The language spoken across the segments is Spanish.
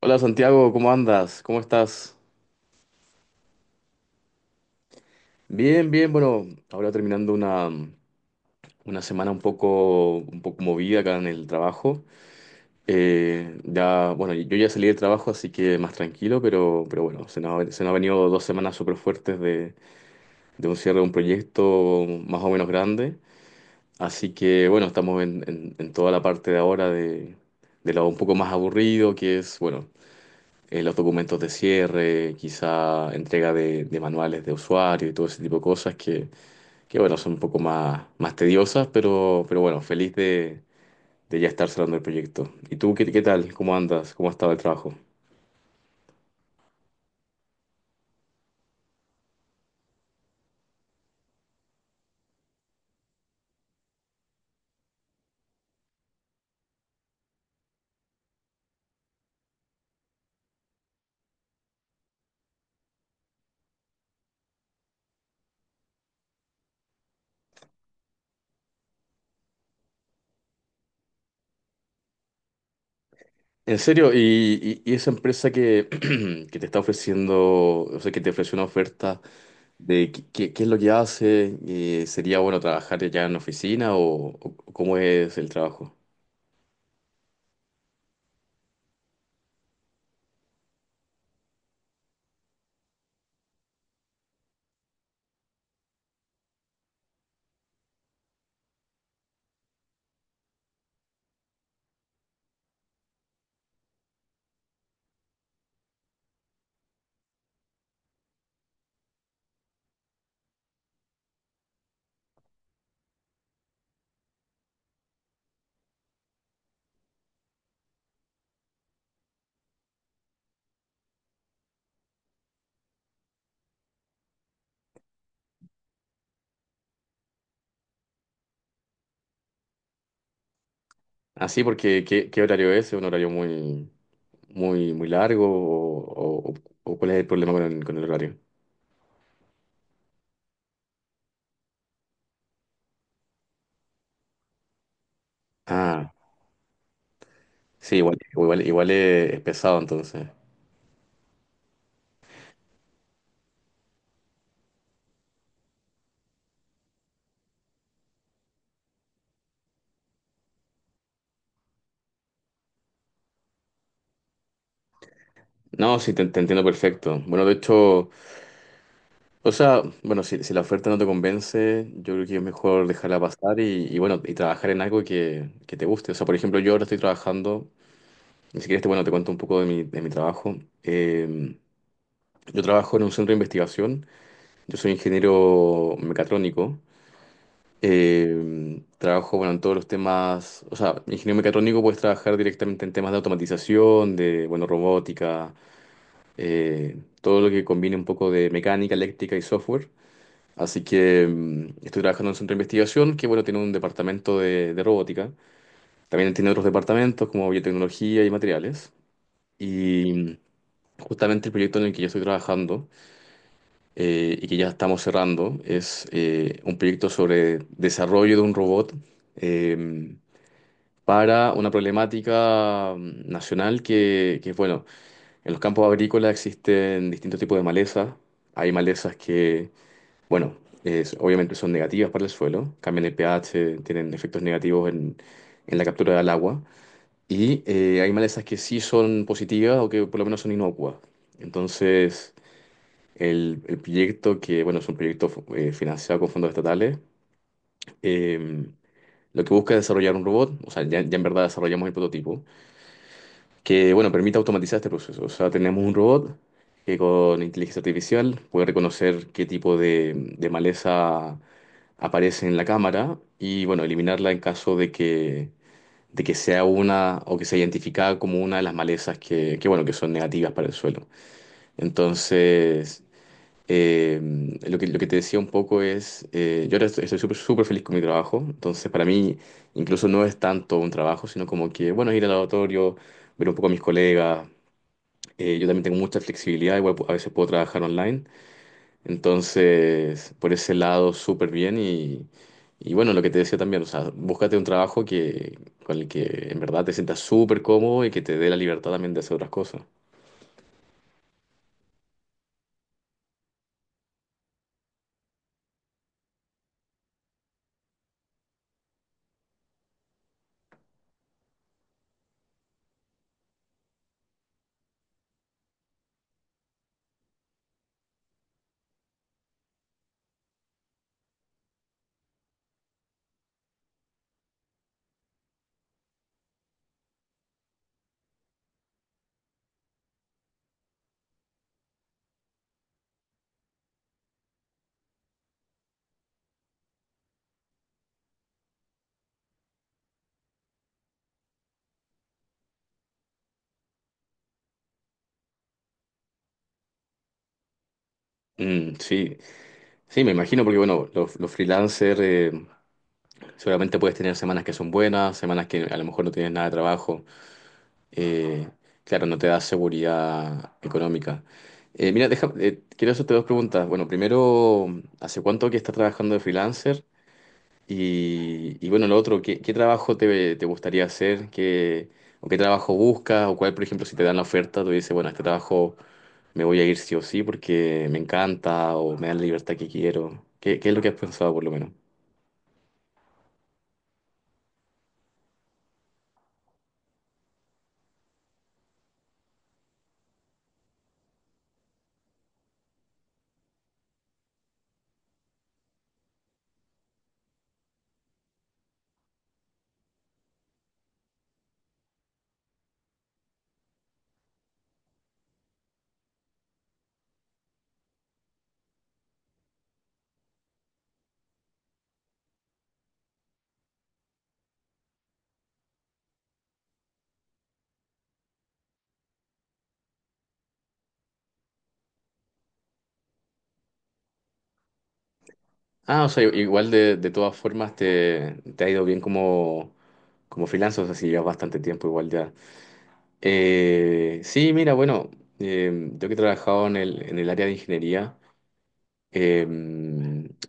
Hola Santiago, ¿cómo andas? ¿Cómo estás? Bien, bien, bueno, ahora terminando una semana un poco movida acá en el trabajo. Ya, bueno, yo ya salí del trabajo, así que más tranquilo, pero, bueno, se nos han venido 2 semanas súper fuertes de un cierre de un proyecto más o menos grande. Así que bueno, estamos en toda la parte de ahora de lo un poco más aburrido, que es, bueno, los documentos de cierre, quizá entrega de, manuales de usuario y todo ese tipo de cosas que, bueno, son un poco más, tediosas, pero bueno, feliz de ya estar cerrando el proyecto. ¿Y tú qué tal? ¿Cómo andas? ¿Cómo ha estado el trabajo? En serio, y esa empresa que, que te está ofreciendo, o sea, que te ofreció una oferta de qué es lo que hace, sería bueno trabajar ya en oficina o, cómo es el trabajo? Así, ¿porque ¿qué horario es? ¿Es un horario muy, muy, muy largo? ¿o cuál es el problema con el horario? Ah, sí, igual es, pesado entonces. No, sí, te entiendo perfecto. Bueno, de hecho, o sea, bueno, si la oferta no te convence, yo creo que es mejor dejarla pasar y, bueno, y trabajar en algo que te guste. O sea, por ejemplo, yo ahora estoy trabajando, ni siquiera este, bueno, te cuento un poco de mi trabajo. Eh, yo trabajo en un centro de investigación, yo soy ingeniero mecatrónico. Trabajo, bueno, en todos los temas, o sea, ingeniero mecatrónico puedes trabajar directamente en temas de automatización, de, bueno, robótica, todo lo que combine un poco de mecánica, eléctrica y software. Así que estoy trabajando en un centro de investigación que, bueno, tiene un departamento de, robótica. También tiene otros departamentos como biotecnología y materiales. Y justamente el proyecto en el que yo estoy trabajando, y que ya estamos cerrando es, un proyecto sobre desarrollo de un robot, em, para una problemática nacional que, bueno, en los campos agrícolas existen distintos tipos de malezas. Hay malezas que, bueno, obviamente son negativas para el suelo, cambian el pH, tienen efectos negativos en la captura del agua. Y hay malezas que sí son positivas o que por lo menos son inocuas. Entonces, el proyecto, que bueno, es un proyecto, financiado con fondos estatales, em, lo que busca es desarrollar un robot, o sea, ya, en verdad desarrollamos el prototipo, que, bueno, permite automatizar este proceso. O sea, tenemos un robot que con inteligencia artificial puede reconocer qué tipo de, maleza aparece en la cámara y, bueno, eliminarla en caso de que sea una o que sea identificada como una de las malezas que, bueno, que son negativas para el suelo. Entonces, eh, lo que te decía un poco es, yo ahora estoy súper súper feliz con mi trabajo, entonces para mí incluso no es tanto un trabajo, sino como que, bueno, ir al laboratorio, ver un poco a mis colegas, yo también tengo mucha flexibilidad, igual a veces puedo trabajar online, entonces por ese lado súper bien y, bueno, lo que te decía también, o sea, búscate un trabajo que, con el que en verdad te sientas súper cómodo y que te dé la libertad también de hacer otras cosas. Mm, sí, sí, me imagino, porque bueno, los freelancers, seguramente puedes tener semanas que son buenas, semanas que a lo mejor no tienes nada de trabajo. eh, claro, no te da seguridad económica. Mira, deja, quiero hacerte dos preguntas. Bueno, primero, ¿hace cuánto que estás trabajando de freelancer? y, bueno, lo otro, ¿qué, trabajo te gustaría hacer? ¿Qué, o qué trabajo buscas? ¿O cuál, por ejemplo, si te dan la oferta, tú dices, bueno, a este trabajo me voy a ir sí o sí porque me encanta o me da la libertad que quiero? ¿qué, es lo que has pensado, por lo menos? Ah, o sea, igual de, todas formas te ha ido bien como freelancer, o sea, si llevas bastante tiempo igual ya. Sí, mira, bueno, yo que he trabajado en el área de ingeniería, eh,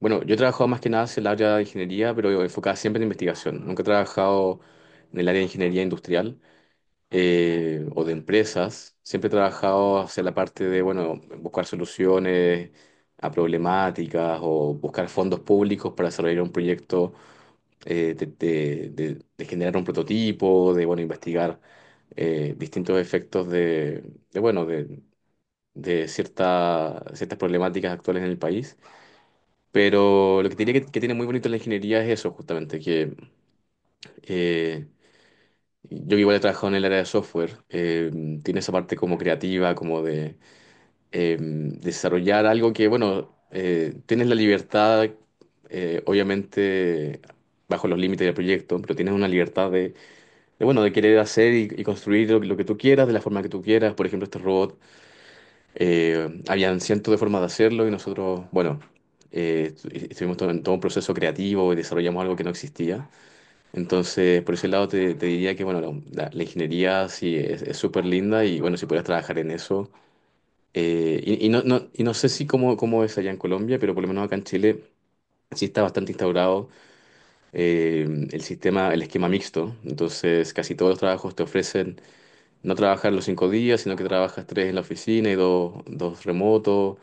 bueno, yo he trabajado más que nada en el área de ingeniería, pero enfocada siempre en investigación. Nunca he trabajado en el área de ingeniería industrial, o de empresas. Siempre he trabajado hacia la parte de, bueno, buscar soluciones a problemáticas o buscar fondos públicos para desarrollar un proyecto, de generar un prototipo, de bueno, investigar, distintos efectos de, bueno, de ciertas problemáticas actuales en el país. Pero lo que te diría que tiene muy bonito la ingeniería es eso, justamente, que, eh, yo que igual he trabajado en el área de software, tiene esa parte como creativa, como de, desarrollar algo que, bueno, tienes la libertad, obviamente, bajo los límites del proyecto, pero tienes una libertad de, bueno, de querer hacer y construir lo que tú quieras, de la forma que tú quieras. Por ejemplo, este robot, habían cientos de formas de hacerlo y nosotros, bueno, estuvimos en todo un proceso creativo y desarrollamos algo que no existía. Entonces, por ese lado te, diría que, bueno, la ingeniería sí es súper linda y, bueno, si pudieras trabajar en eso. Y no, no, y no sé si cómo, cómo es allá en Colombia, pero por lo menos acá en Chile sí está bastante instaurado, eh, el esquema mixto. Entonces, casi todos los trabajos te ofrecen no trabajar los 5 días, sino que trabajas tres en la oficina y dos remotos,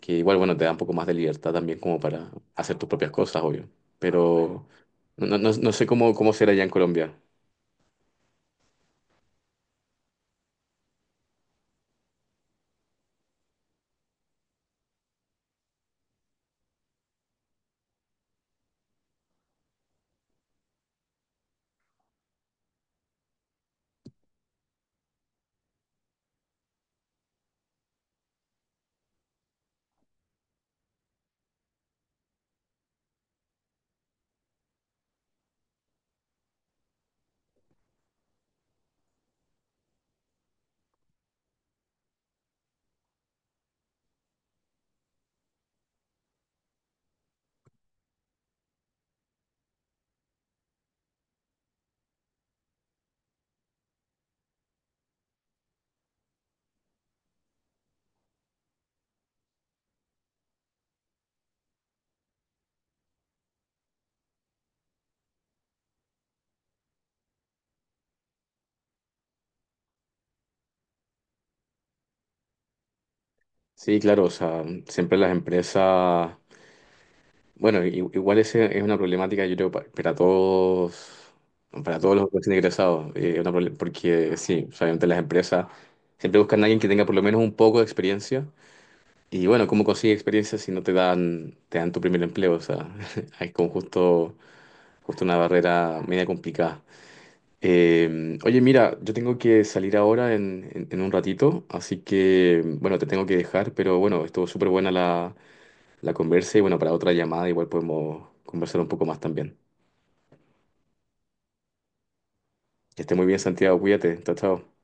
que igual, bueno, te da un poco más de libertad también como para hacer tus propias cosas, obvio. Ah, bueno. Pero no, no, no sé cómo, será allá en Colombia. Sí, claro, o sea, siempre las empresas, bueno, igual ese es una problemática, yo creo, para todos, para todos los recién egresados, una porque sí, o sea, obviamente las empresas siempre buscan a alguien que tenga por lo menos un poco de experiencia. Y bueno, ¿cómo consigues experiencia si no te dan, tu primer empleo? O sea, hay como justo una barrera media complicada. Oye, mira, yo tengo que salir ahora en un ratito, así que, bueno, te tengo que dejar, pero bueno, estuvo súper buena la conversa y bueno, para otra llamada igual podemos conversar un poco más también. Que esté muy bien, Santiago, cuídate, chao, chao.